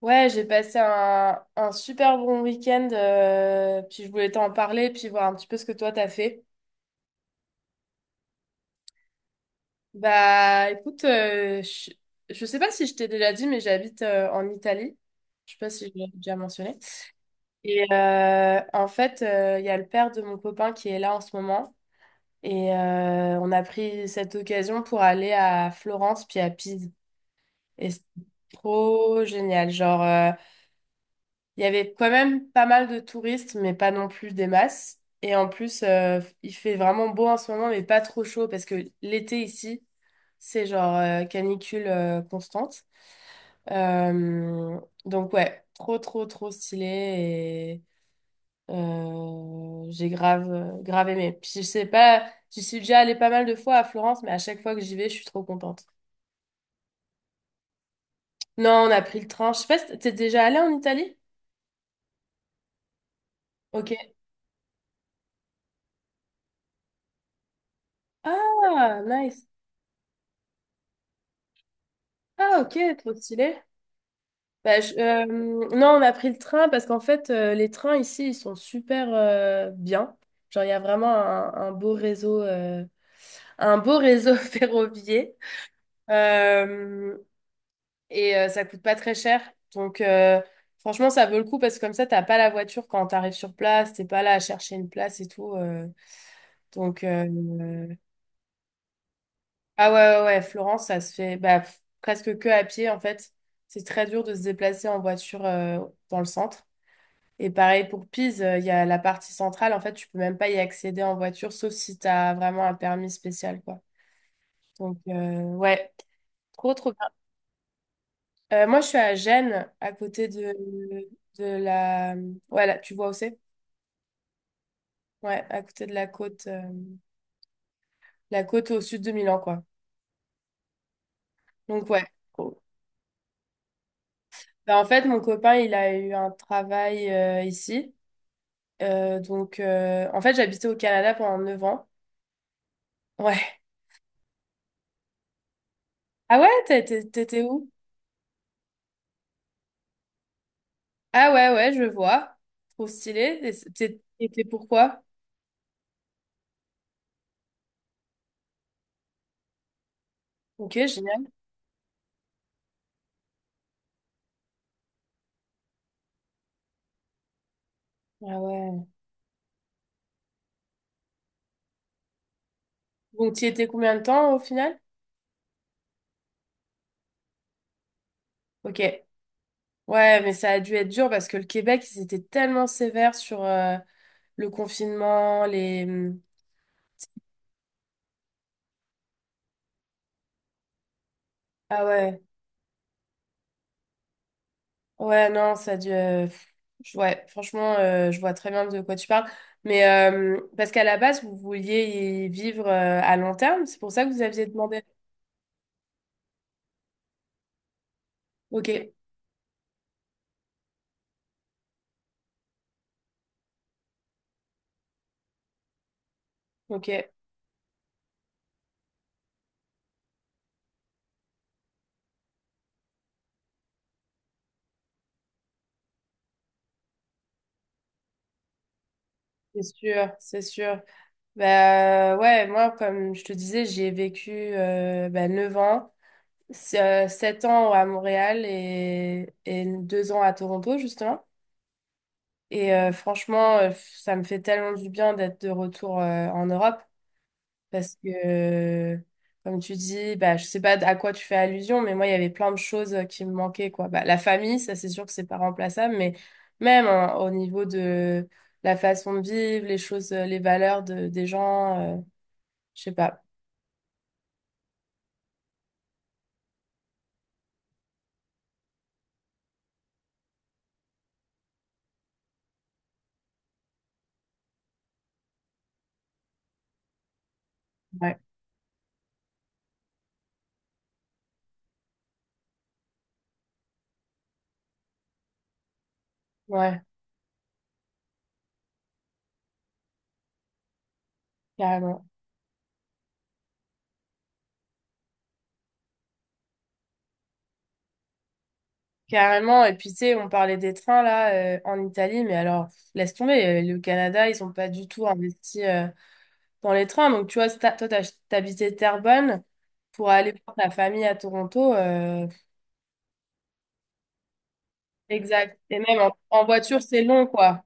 Ouais, j'ai passé un super bon week-end, puis je voulais t'en parler, puis voir un petit peu ce que toi t'as fait. Bah écoute, je sais pas si je t'ai déjà dit, mais j'habite en Italie. Je sais pas si je l'ai déjà mentionné. Et en fait, il y a le père de mon copain qui est là en ce moment, et on a pris cette occasion pour aller à Florence puis à Pise. Et c'était trop génial, genre. Il y avait quand même pas mal de touristes, mais pas non plus des masses. Et en plus, il fait vraiment beau en ce moment, mais pas trop chaud, parce que l'été ici, c'est genre canicule constante. Euh, donc ouais, trop, trop, trop stylé. Et j'ai grave, grave aimé. Puis je sais pas, j'y suis déjà allée pas mal de fois à Florence, mais à chaque fois que j'y vais, je suis trop contente. Non, on a pris le train. Je sais pas, si t'es déjà allée en Italie? Ok. Ah, nice. Ah, ok, trop stylé. Bah, non, on a pris le train parce qu'en fait, les trains ici, ils sont super bien. Genre, il y a vraiment un beau réseau ferroviaire. Euh, et ça coûte pas très cher. Donc, franchement, ça vaut le coup parce que comme ça, t'as pas la voiture quand t'arrives sur place, t'es pas là à chercher une place et tout. Donc, euh, ah ouais, ouais, ouais, Florence, ça se fait bah, pff, presque que à pied en fait. C'est très dur de se déplacer en voiture dans le centre. Et pareil pour Pise, il y a la partie centrale, en fait, tu peux même pas y accéder en voiture, sauf si tu as vraiment un permis spécial, quoi. Donc, ouais, trop, trop bien. Moi, je suis à Gênes, à côté de la... Ouais, là, tu vois où c'est? Ouais, à côté de la côte au sud de Milan, quoi. Donc, ouais. Cool. Ben, en fait, mon copain, il a eu un travail ici. Donc, en fait, j'habitais au Canada pendant 9 ans. Ouais. Ah ouais, t'étais où? Ah ouais, ouais, je vois. Trop stylé. Et pourquoi? Ok, génial. Ah ouais. Donc, t'y étais combien de temps au final? Ok. Ouais, mais ça a dû être dur parce que le Québec, ils étaient tellement sévères sur le confinement, les... mmh, Ah ouais. Ouais, non, ça a dû... pff, Ouais, franchement, je vois très bien de quoi tu parles. Mais parce qu'à la base, vous vouliez y vivre à long terme, c'est pour ça que vous aviez demandé. Ok, ok, c'est sûr, c'est sûr. Bah ouais, moi, comme je te disais, j'ai vécu bah, 9 ans, 7 ans à Montréal et 2 ans à Toronto, justement. Et franchement, ça me fait tellement du bien d'être de retour en Europe parce que, comme tu dis, bah, je sais pas à quoi tu fais allusion, mais moi, il y avait plein de choses qui me manquaient, quoi. Bah, la famille, ça, c'est sûr que c'est pas remplaçable, mais même hein, au niveau de la façon de vivre, les choses, les valeurs de, des gens, je sais pas. Ouais. Ouais, carrément. Carrément. Et puis, tu sais, on parlait des trains là en Italie, mais alors, pff, laisse tomber. Le Canada, ils ont pas du tout investi dans les trains. Donc, tu vois, si t'habitais Terrebonne pour aller voir ta famille à Toronto. Exact. Et même en voiture, c'est long, quoi.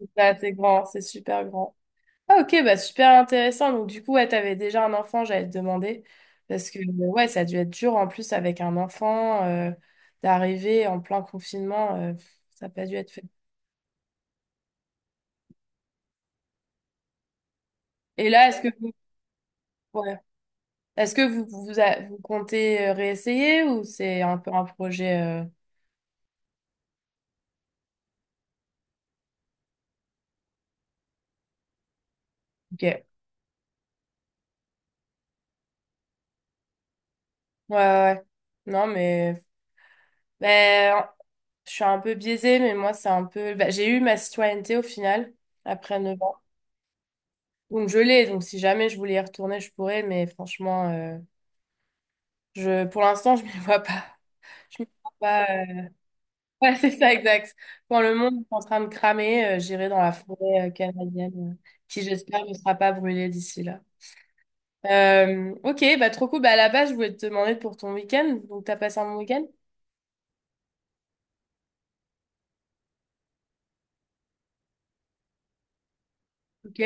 C'est assez grand, c'est super grand. Ah ok, bah super intéressant. Donc du coup, ouais, t'avais déjà un enfant, j'allais te demander. Parce que ouais, ça a dû être dur en plus avec un enfant, d'arriver en plein confinement, pff, ça n'a pas dû être fait. Et là, est-ce que vous, ouais. Est-ce que vous, vous comptez réessayer ou c'est un peu un projet Ok. Ouais, ouais. Ouais. Non, mais ben, je suis un peu biaisée, mais moi, c'est un peu... bah, j'ai eu ma citoyenneté au final, après 9 ans. Donc je l'ai, donc si jamais je voulais y retourner, je pourrais, mais franchement... Pour l'instant, je ne me vois pas. Je me vois pas. Ouais, c'est ça, exact. Quand le monde est en train de cramer, j'irai dans la forêt canadienne, qui j'espère ne sera pas brûlée d'ici là. Ok, bah trop cool. Bah, à la base, je voulais te demander pour ton week-end. Donc, t'as passé un bon week-end? Ok,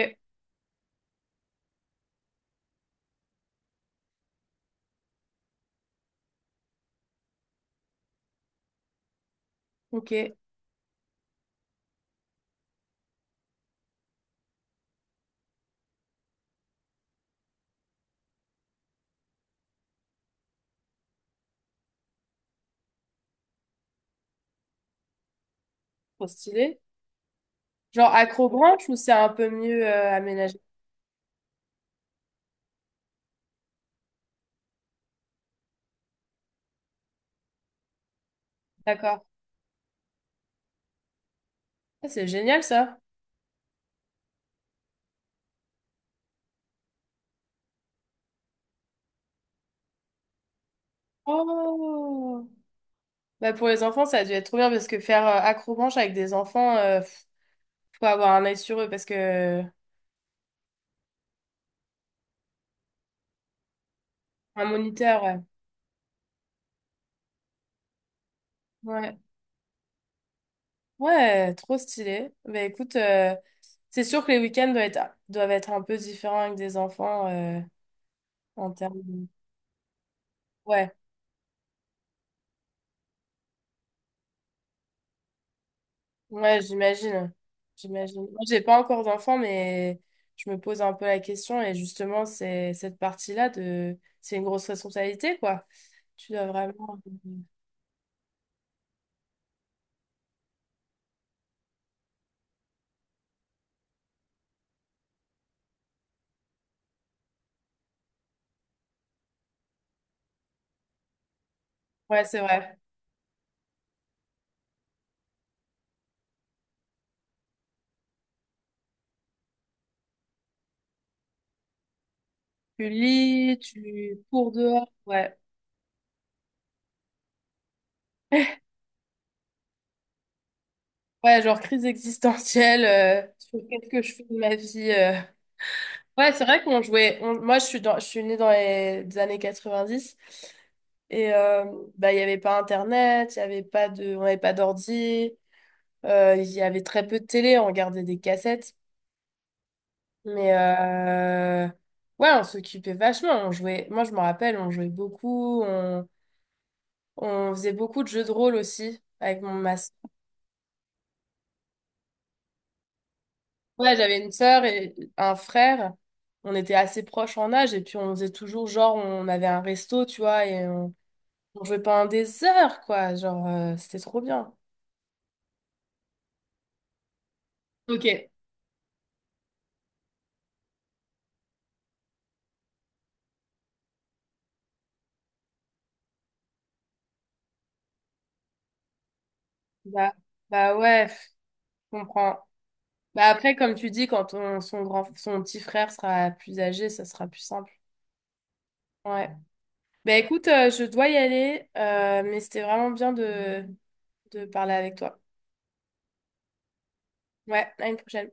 ok, trop stylé. Genre accrobranche ou c'est un peu mieux aménagé? D'accord. Ah, c'est génial ça. Oh! Bah, pour les enfants, ça a dû être trop bien parce que faire accrobranche avec des enfants, pff, faut avoir un œil sur eux parce que Un moniteur, ouais. Ouais, ouais, trop stylé. Bah écoute, c'est sûr que les week-ends doivent être un peu différents avec des enfants en termes de... Ouais, ouais, j'imagine. J'imagine. Moi, j'ai pas encore d'enfants, mais je me pose un peu la question et justement, c'est cette partie-là de... C'est une grosse responsabilité, quoi. Tu dois vraiment... Ouais, c'est vrai. Tu lis, tu cours dehors, ouais. Ouais, genre crise existentielle sur qu'est-ce que je fais de ma vie. Ouais, c'est vrai qu'on jouait. Moi, je suis née dans les années 90 et bah, il n'y avait pas Internet, il y avait pas de, on n'avait pas d'ordi, il y avait très peu de télé, on regardait des cassettes. Mais ouais, on s'occupait vachement. On jouait, moi, je me rappelle, on jouait beaucoup, on faisait beaucoup de jeux de rôle aussi avec mon masque. Ouais, j'avais une sœur et un frère. On était assez proches en âge et puis on faisait toujours genre, on avait un resto, tu vois, et on jouait pendant des heures, quoi. Genre, c'était trop bien. Ok. Bah, bah ouais, pff, je comprends. Bah après, comme tu dis, quand son petit frère sera plus âgé, ça sera plus simple. Ouais. Bah écoute, je dois y aller, mais c'était vraiment bien de parler avec toi. Ouais, à une prochaine.